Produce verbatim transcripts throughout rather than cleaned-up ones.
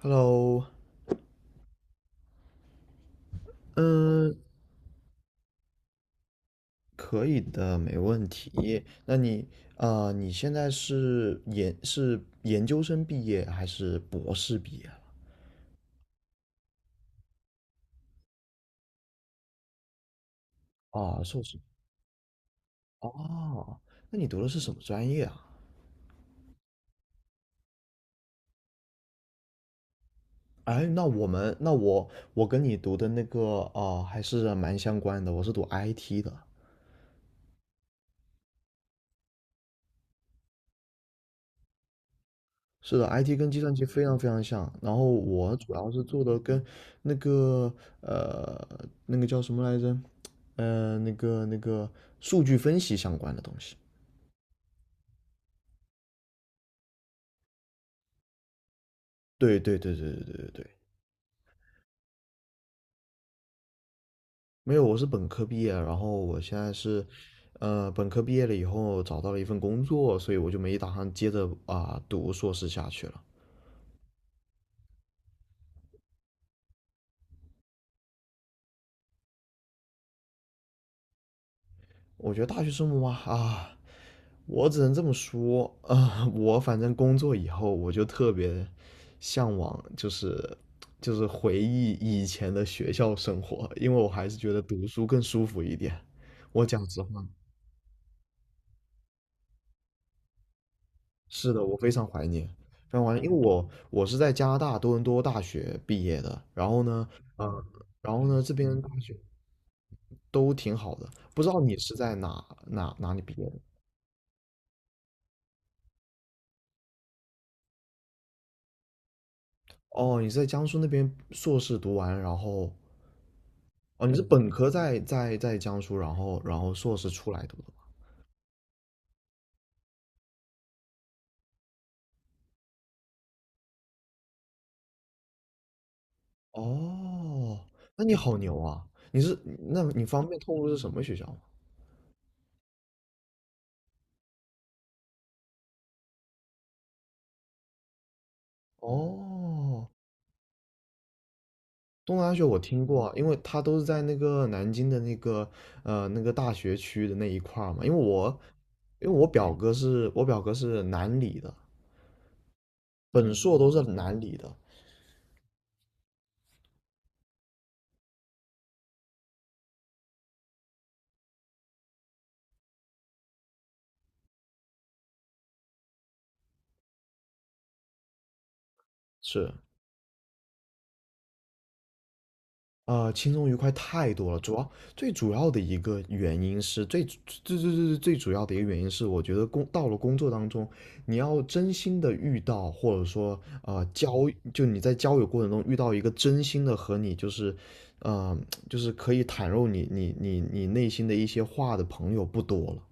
Hello，嗯，可以的，没问题。那你啊、你现在是研是研究生毕业还是博士毕业了？啊，硕士。哦，那你读的是什么专业啊？哎，那我们，那我我跟你读的那个啊、还是蛮相关的。我是读 I T 的。是的，I T 跟计算机非常非常像。然后我主要是做的跟那个呃那个叫什么来着，呃那个那个数据分析相关的东西。对对对对对对对对，没有，我是本科毕业，然后我现在是呃本科毕业了以后找到了一份工作，所以我就没打算接着啊、读硕士下去了。我觉得大学生活嘛，啊，我只能这么说啊，我反正工作以后，我就特别向往，就是就是回忆以前的学校生活，因为我还是觉得读书更舒服一点。我讲实话，是的，我非常怀念，非常怀念，因为我我是在加拿大多伦多大学毕业的，然后呢，呃，然后呢，这边大学都挺好的，不知道你是在哪哪哪里毕业的？哦，你在江苏那边硕士读完，然后哦，你是本科在在在江苏，然后然后硕士出来读的吗？哦，那你好牛啊！你是那你方便透露是什么学校吗？哦，东南大学我听过啊，因为它都是在那个南京的那个呃那个大学区的那一块儿嘛。因为我因为我表哥是我表哥是南理的，本硕都是南理的，是。呃，轻松愉快太多了。主要最主要的一个原因是最最最最最最主要的一个原因是，我觉得工到了工作当中，你要真心的遇到，或者说呃交，就你在交友过程中遇到一个真心的和你就是，呃，就是可以袒露你你你你内心的一些话的朋友不多了。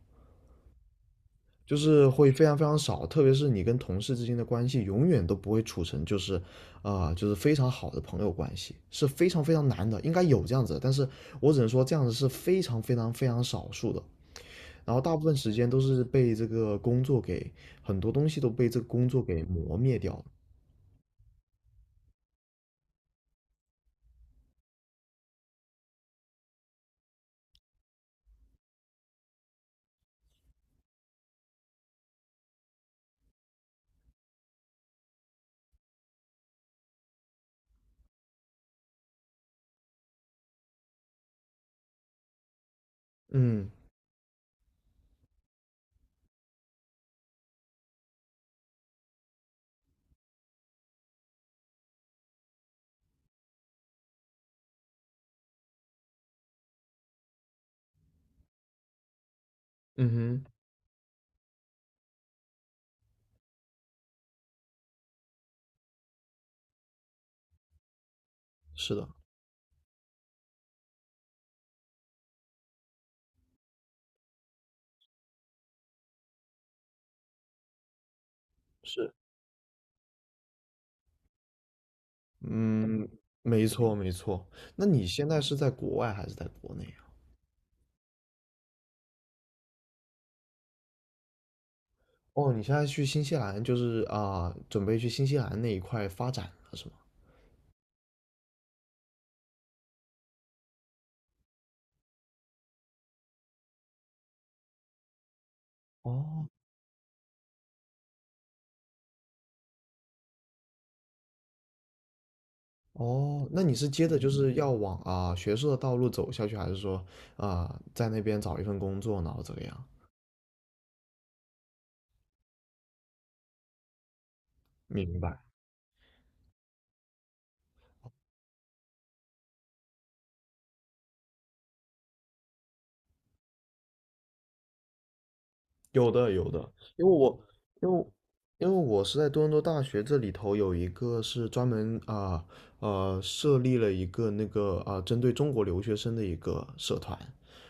就是会非常非常少，特别是你跟同事之间的关系，永远都不会处成就是啊、就是非常好的朋友关系，是非常非常难的。应该有这样子的，但是我只能说这样子是非常非常非常少数的。然后大部分时间都是被这个工作给，很多东西都被这个工作给磨灭掉了。嗯，嗯哼，是的，是。嗯，没错没错。那你现在是在国外还是在国内啊？哦，你现在去新西兰，就是啊、准备去新西兰那一块发展了，是吗？哦哦，那你是接着就是要往啊、学术的道路走下去，还是说啊、在那边找一份工作，然后怎么样？明白。有的有的，因为我因为因为我是在多伦多大学这里头有一个是专门啊呃设立了一个那个啊、针对中国留学生的一个社团，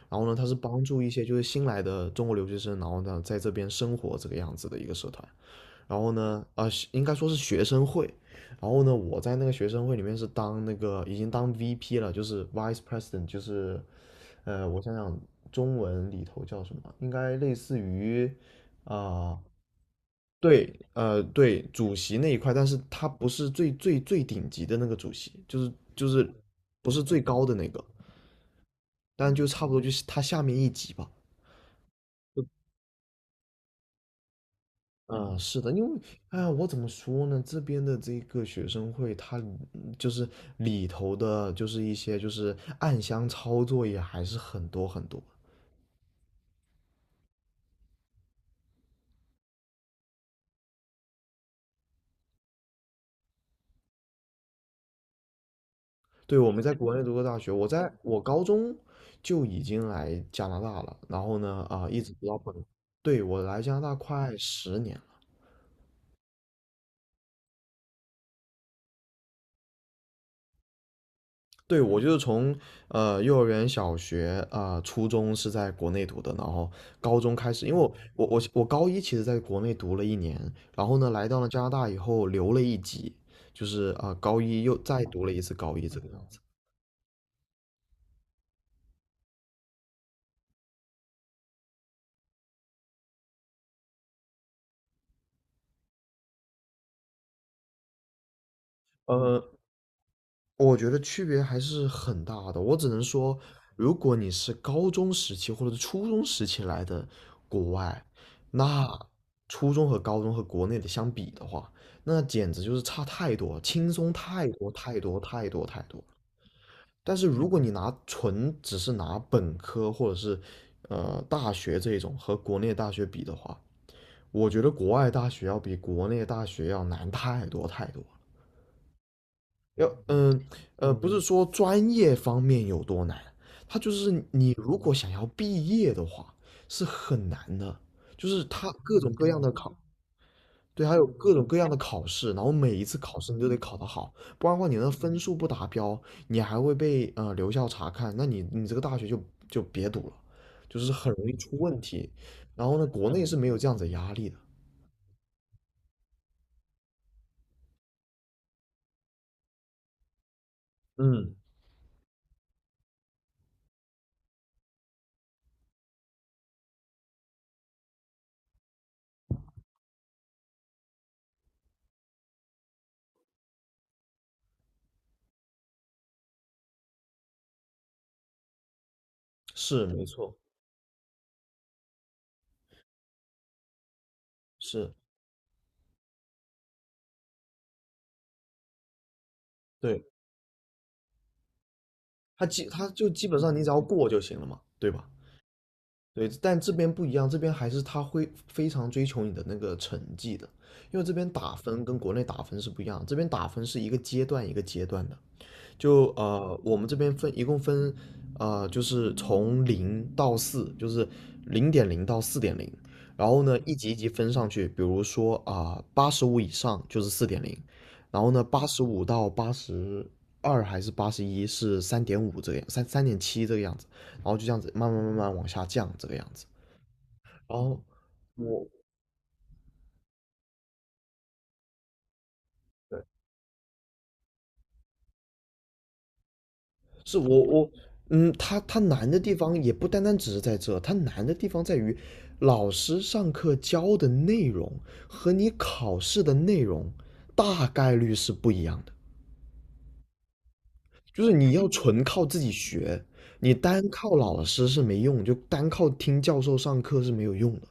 然后呢，它是帮助一些就是新来的中国留学生，然后呢在这边生活这个样子的一个社团。然后呢，啊、呃应该说是学生会。然后呢，我在那个学生会里面是当那个已经当 V P 了，就是 Vice President，就是呃，我想想中文里头叫什么，应该类似于啊、对，呃，对，主席那一块，但是他不是最最最顶级的那个主席，就是就是不是最高的那个，但就差不多就是他下面一级吧。嗯，是的，因为，哎呀，我怎么说呢？这边的这个学生会，他就是里头的，就是一些就是暗箱操作也还是很多很多。对，我们在国内读过大学，我在我高中就已经来加拿大了，然后呢，啊、一直读到本，对，我来加拿大快十年。对，我就是从呃幼儿园、小学啊、呃初中是在国内读的，然后高中开始，因为我我我我高一其实在国内读了一年，然后呢来到了加拿大以后留了一级，就是啊、呃高一又再读了一次高一这个样子。呃，我觉得区别还是很大的。我只能说，如果你是高中时期或者是初中时期来的国外，那初中和高中和国内的相比的话，那简直就是差太多，轻松太多太多太多太多。但是如果你拿纯只是拿本科或者是呃大学这种和国内大学比的话，我觉得国外大学要比国内大学要难太多太多。要嗯呃，不是说专业方面有多难，它就是你如果想要毕业的话是很难的，就是他各种各样的考，对，还有各种各样的考试，然后每一次考试你都得考得好，不然的话你的分数不达标，你还会被呃留校察看，那你你这个大学就就别读了，就是很容易出问题。然后呢，国内是没有这样子的压力的。嗯，是没错，是对，他基他就基本上你只要过就行了嘛，对吧？对，但这边不一样，这边还是他会非常追求你的那个成绩的，因为这边打分跟国内打分是不一样，这边打分是一个阶段一个阶段的，就呃，我们这边分一共分，呃，就是从零到四，就是零点零到四点零，然后呢，一级一级分上去，比如说啊，八十五以上就是四点零，然后呢，八十五到八十二还是八十一是三点五这个样，三三点七这个样子，然后就这样子慢慢慢慢往下降这个样子。然后我是我我嗯，他他难的地方也不单单只是在这，他难的地方在于老师上课教的内容和你考试的内容大概率是不一样的。就是你要纯靠自己学，你单靠老师是没用，就单靠听教授上课是没有用的。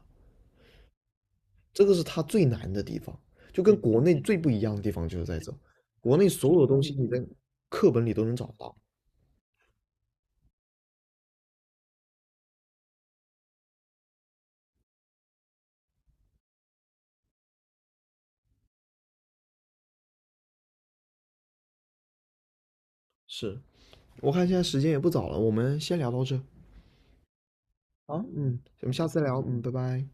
这个是他最难的地方，就跟国内最不一样的地方就是在这，国内所有东西你在课本里都能找到。是，我看现在时间也不早了，我们先聊到这。好，嗯，我们下次聊，嗯，拜拜。